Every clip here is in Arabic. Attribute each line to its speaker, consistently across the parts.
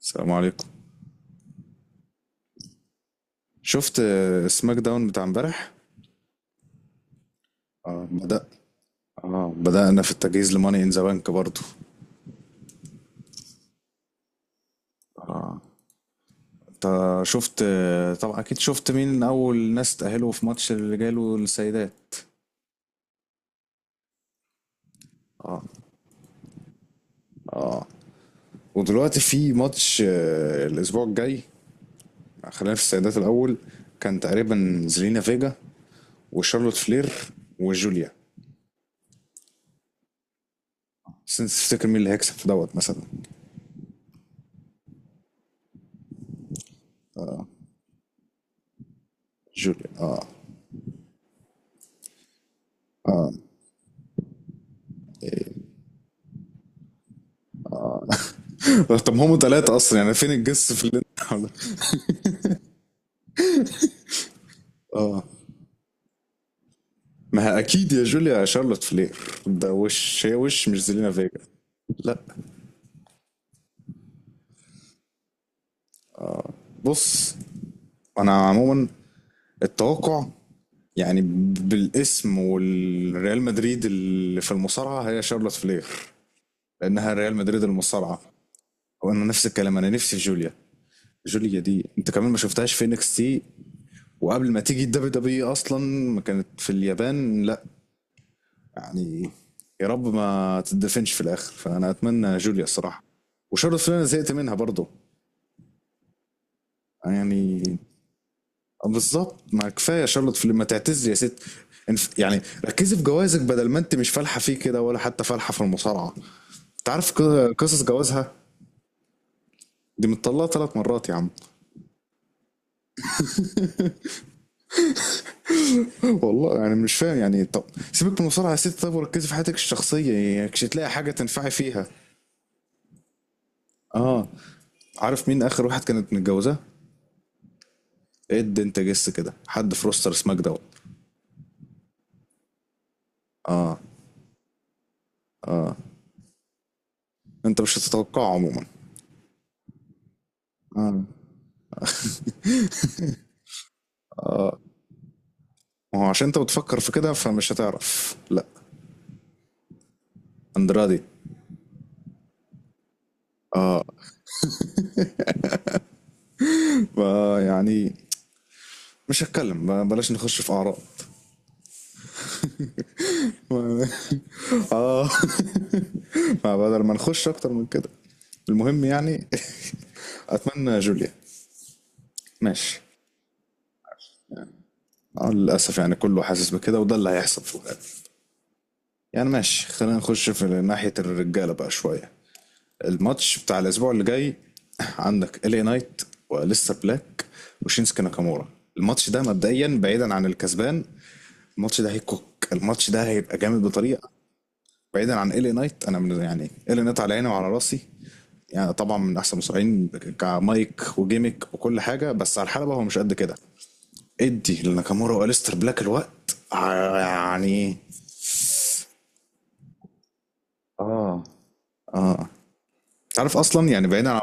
Speaker 1: السلام عليكم. شفت سماك داون بتاع امبارح. اه بدأ اه بدأنا في التجهيز لماني ان ذا بانك برضه. انت شفت، طبعا اكيد شفت مين اول ناس تأهلوا في ماتش الرجال والسيدات. ودلوقتي في ماتش الاسبوع الجاي. خلينا في السيدات الاول. كان تقريبا زلينا فيجا وشارلوت فلير وجوليا. بس انت تفتكر مين اللي هيكسب في دوت مثلا؟ جوليا، اه. طب هم ثلاثة اصلا، يعني فين الجس في اللي ما هي اكيد يا جوليا شارلوت فلير. ده وش هي وش مش زيلينا فيجا. لا. بص، انا عموما التوقع يعني بالاسم والريال مدريد اللي في المصارعه هي شارلوت فلير، لانها ريال مدريد المصارعه. وانا نفس الكلام، انا نفسي في جوليا. جوليا دي انت كمان ما شفتهاش في انكس تي، وقبل ما تيجي الدبليو دبليو اصلا ما كانت في اليابان؟ لا يعني. يا رب ما تدفنش في الاخر، فانا اتمنى جوليا الصراحه. وشارلوت فلين أنا زهقت منها برضه يعني. بالظبط، ما كفايه شارلوت فلين، ما تعتزلي يا ست. يعني ركزي في جوازك بدل ما انت مش فالحه فيه كده ولا حتى فالحه في المصارعه. انت عارف قصص جوازها. دي متطلقه 3 مرات يا عم. والله يعني مش فاهم، يعني طب سيبك من المصارعه يا ست، طب وركزي في حياتك الشخصيه، يعني مش هتلاقي حاجه تنفعي فيها. اه، عارف مين اخر واحد كانت متجوزاه؟ اد انت جس كده حد في روستر سماك داون. انت مش هتتوقعه عموما. وهو عشان انت بتفكر في كده فمش هتعرف. لا. اندرادي. يعني مش هتكلم بلاش نخش في اعراض. اه، بدل ما نخش اكتر من كده. المهم يعني، اتمنى جوليا. ماشي. للاسف يعني كله حاسس بكده، وده اللي هيحصل في الغالب. يعني ماشي، خلينا نخش في ناحيه الرجاله بقى شويه. الماتش بتاع الاسبوع اللي جاي، عندك الي نايت وليستر بلاك وشينسكي ناكامورا. الماتش ده مبدئيا بعيدا عن الكسبان، الماتش ده هيكوك، الماتش ده هيبقى جامد بطريقه. بعيدا عن ال نايت، انا من يعني ال نايت على عيني وعلى راسي. يعني طبعا من احسن المصارعين كمايك وجيمك وكل حاجه، بس على الحلبه هو مش قد كده. ادي لناكامورا واليستر بلاك الوقت يعني. اه، اه. تعرف اصلا يعني بعيدا عن.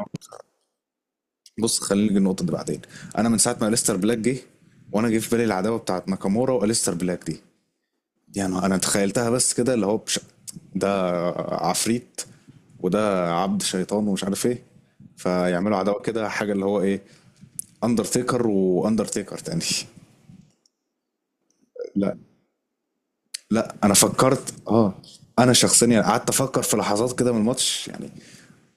Speaker 1: بص خلينا نيجي النقطه دي بعدين. انا من ساعه ما اليستر بلاك جه، وانا جه في بالي العداوه بتاعت ناكامورا واليستر بلاك دي. يعني انا تخيلتها بس كده، اللي هو ده عفريت، وده عبد شيطان ومش عارف ايه. فيعملوا عداوة كده حاجة اللي هو ايه، اندرتيكر واندرتيكر تاني. لا لا، انا فكرت، اه انا شخصيا يعني قعدت افكر في لحظات كده من الماتش يعني.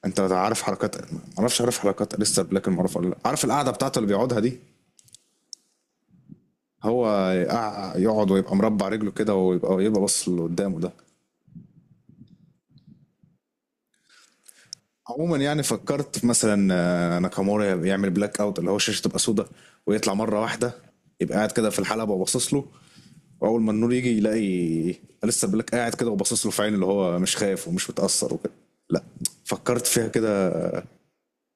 Speaker 1: انت عارف حركات، ما اعرفش عارف حركات لسه بلاك المعروفة ولا لا، عارف القعدة بتاعته اللي بيقعدها دي. هو يقعد ويبقى مربع رجله كده، ويبقى يبقى باص اللي قدامه ده. عموما يعني فكرت في مثلا ناكامورا يعمل بلاك اوت، اللي هو الشاشه تبقى سودة ويطلع مره واحده، يبقى قاعد كده في الحلبه وباصص له. واول ما النور يجي يلاقي لسه بلاك قاعد كده وباصص له في عين، اللي هو مش خايف ومش متاثر وكده. لا، فكرت فيها كده.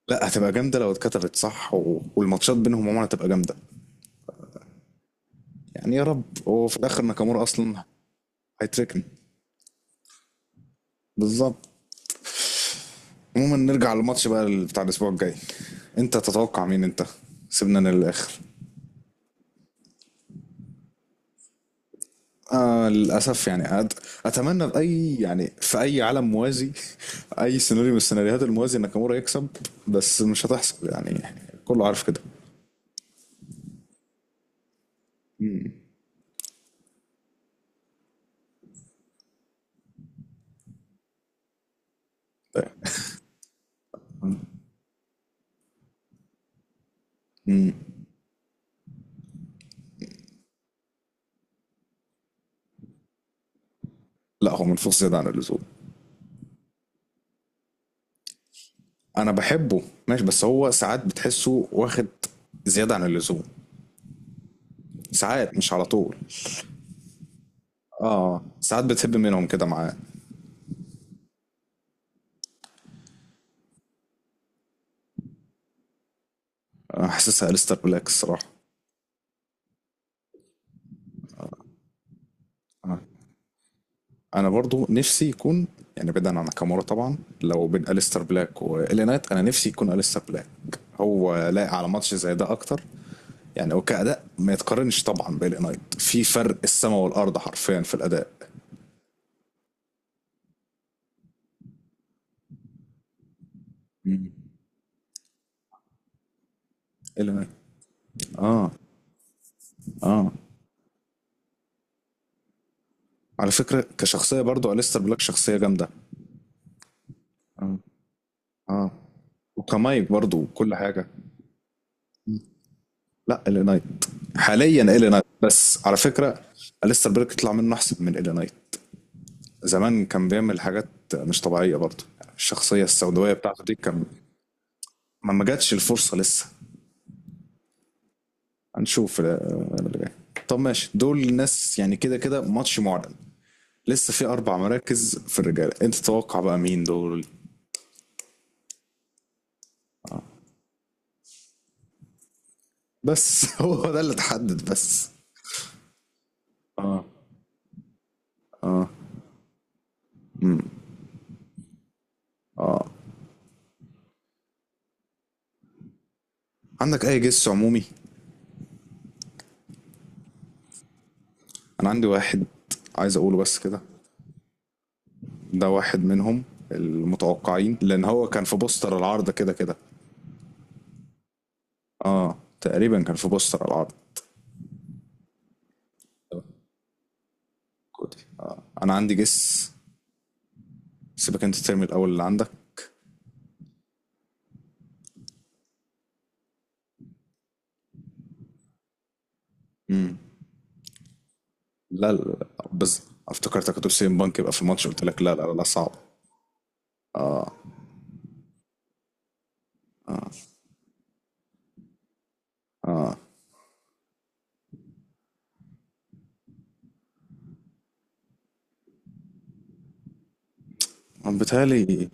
Speaker 1: لا، هتبقى جامده لو اتكتبت صح، و... والماتشات بينهم عموما هتبقى جامده. يعني يا رب، هو في الاخر ناكامورا اصلا هيتركن. بالظبط. عموما نرجع للماتش بقى بتاع الاسبوع الجاي، انت تتوقع مين انت؟ سيبنا للاخر. للأسف يعني أتمنى بأي يعني في أي عالم موازي. أي سيناريو من السيناريوهات الموازي ناكامورا يكسب. بس مش هتحصل يعني، كله عارف كده. لا هو منفوخ زيادة عن اللزوم. أنا بحبه ماشي، بس هو ساعات بتحسه واخد زيادة عن اللزوم. ساعات مش على طول. اه ساعات بتهب منهم كده معاه. أنا حاسسها أليستر بلاك الصراحة. آه. انا برضو نفسي يكون، يعني بعيدا عن ناكامورا طبعا، لو بين اليستر بلاك والي نايت انا نفسي يكون اليستر بلاك. هو لايق على ماتش زي ده اكتر. يعني هو كاداء ما يتقارنش طبعا بالي نايت، في فرق السماء والارض حرفيا في الاداء. مم. الي نايت. اه. اه. على فكره كشخصيه برضو اليستر بلاك شخصيه جامده. آه. اه. وكمايك برضو كل حاجه. لا الي نايت، حاليا الي نايت بس على فكره. اليستر بلاك يطلع منه احسن من الي نايت. زمان كان بيعمل حاجات مش طبيعية برضه، الشخصية السوداوية بتاعته دي كان. ما جاتش الفرصة لسه. هنشوف اللي جاي. طب ماشي، دول ناس يعني كده كده ماتش معلن. لسه في 4 مراكز في الرجالة، أنت تتوقع بقى مين دول؟ بس هو ده اللي اتحدد بس. اه. اه. عندك أي جس عمومي؟ أنا عندي واحد، عايز أقوله بس كده. ده واحد منهم المتوقعين، لأن هو كان في بوستر العرض كده كده. اه تقريبا كان في بوستر العرض. كودي، آه. انا عندي جس. سيبك انت، ترمي الاول اللي عندك. لا لا لا. بس افتكرتك هتقول سيم بانك يبقى في الماتش، قلت لك لا لا لا صعب. اه. اه. بيتهيألي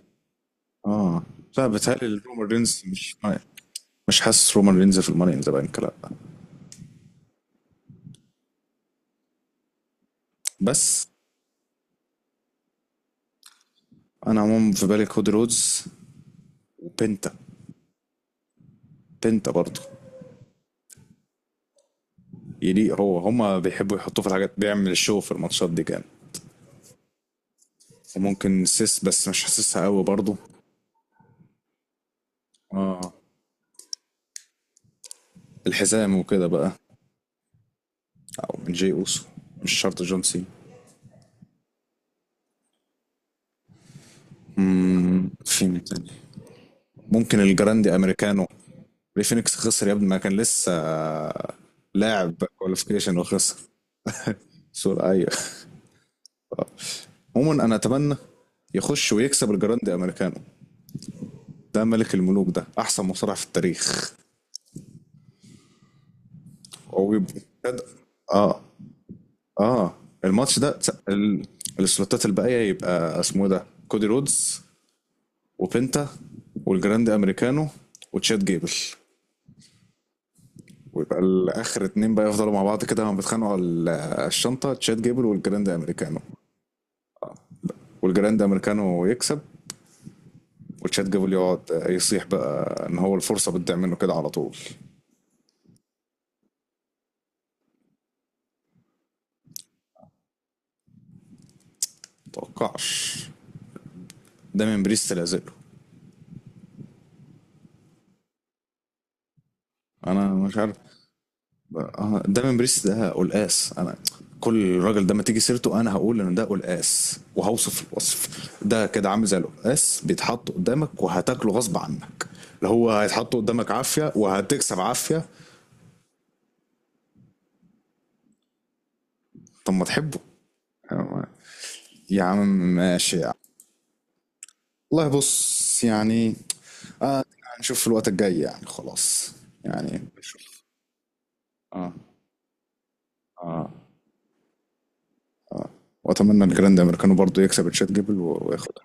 Speaker 1: اه. لا بيتهيألي الرومان رينز مش، مش حاسس رومان رينز في الماني ان ذا بانك، لا. بس انا عموما في بالي كودي رودز وبنتا. بنتا برضه يليق، هو هما بيحبوا يحطوه في الحاجات، بيعمل الشو في الماتشات دي كان. وممكن سيس، بس مش حاسسها قوي برضه. اه الحزام وكده بقى. او من جي اوسو، مش شرط جون سينا. في مين تاني؟ ممكن الجراندي امريكانو. ري فينيكس خسر يا ابني، ما كان لسه لاعب كواليفيكيشن وخسر. سؤال. ايوه. عموما انا اتمنى يخش ويكسب الجراندي امريكانو. ده ملك الملوك، ده احسن مصارع في التاريخ. هو يبقى، اه. اه. الماتش ده السلوتات الباقيه يبقى اسمه إيه، ده كودي رودز وبنتا والجراند امريكانو وتشاد جيبل. ويبقى الاخر 2 بقى يفضلوا مع بعض كده، هما بيتخانقوا على الشنطه، تشات جيبل والجراند امريكانو. والجراند امريكانو يكسب. وتشات جيبل يقعد يصيح بقى ان هو الفرصه بتضيع منه كده على طول. متوقعش، ده من بريست لازله. انا مش عارف، ده من بريست ده قلقاس انا. كل راجل ده ما تيجي سيرته انا هقول ان ده قلقاس، وهوصف الوصف. ده كده عامل زي القلقاس بيتحط قدامك وهتاكله غصب عنك. اللي هو هيتحط قدامك عافيه، وهتكسب عافيه. طب ما تحبه. أه، يا عم. ماشي يا عم. والله بص يعني. آه، هنشوف في الوقت الجاي يعني خلاص. يعني نشوف. اه. اه. واتمنى الجراند امريكانو برضو يكسب تشات جيبل وياخد.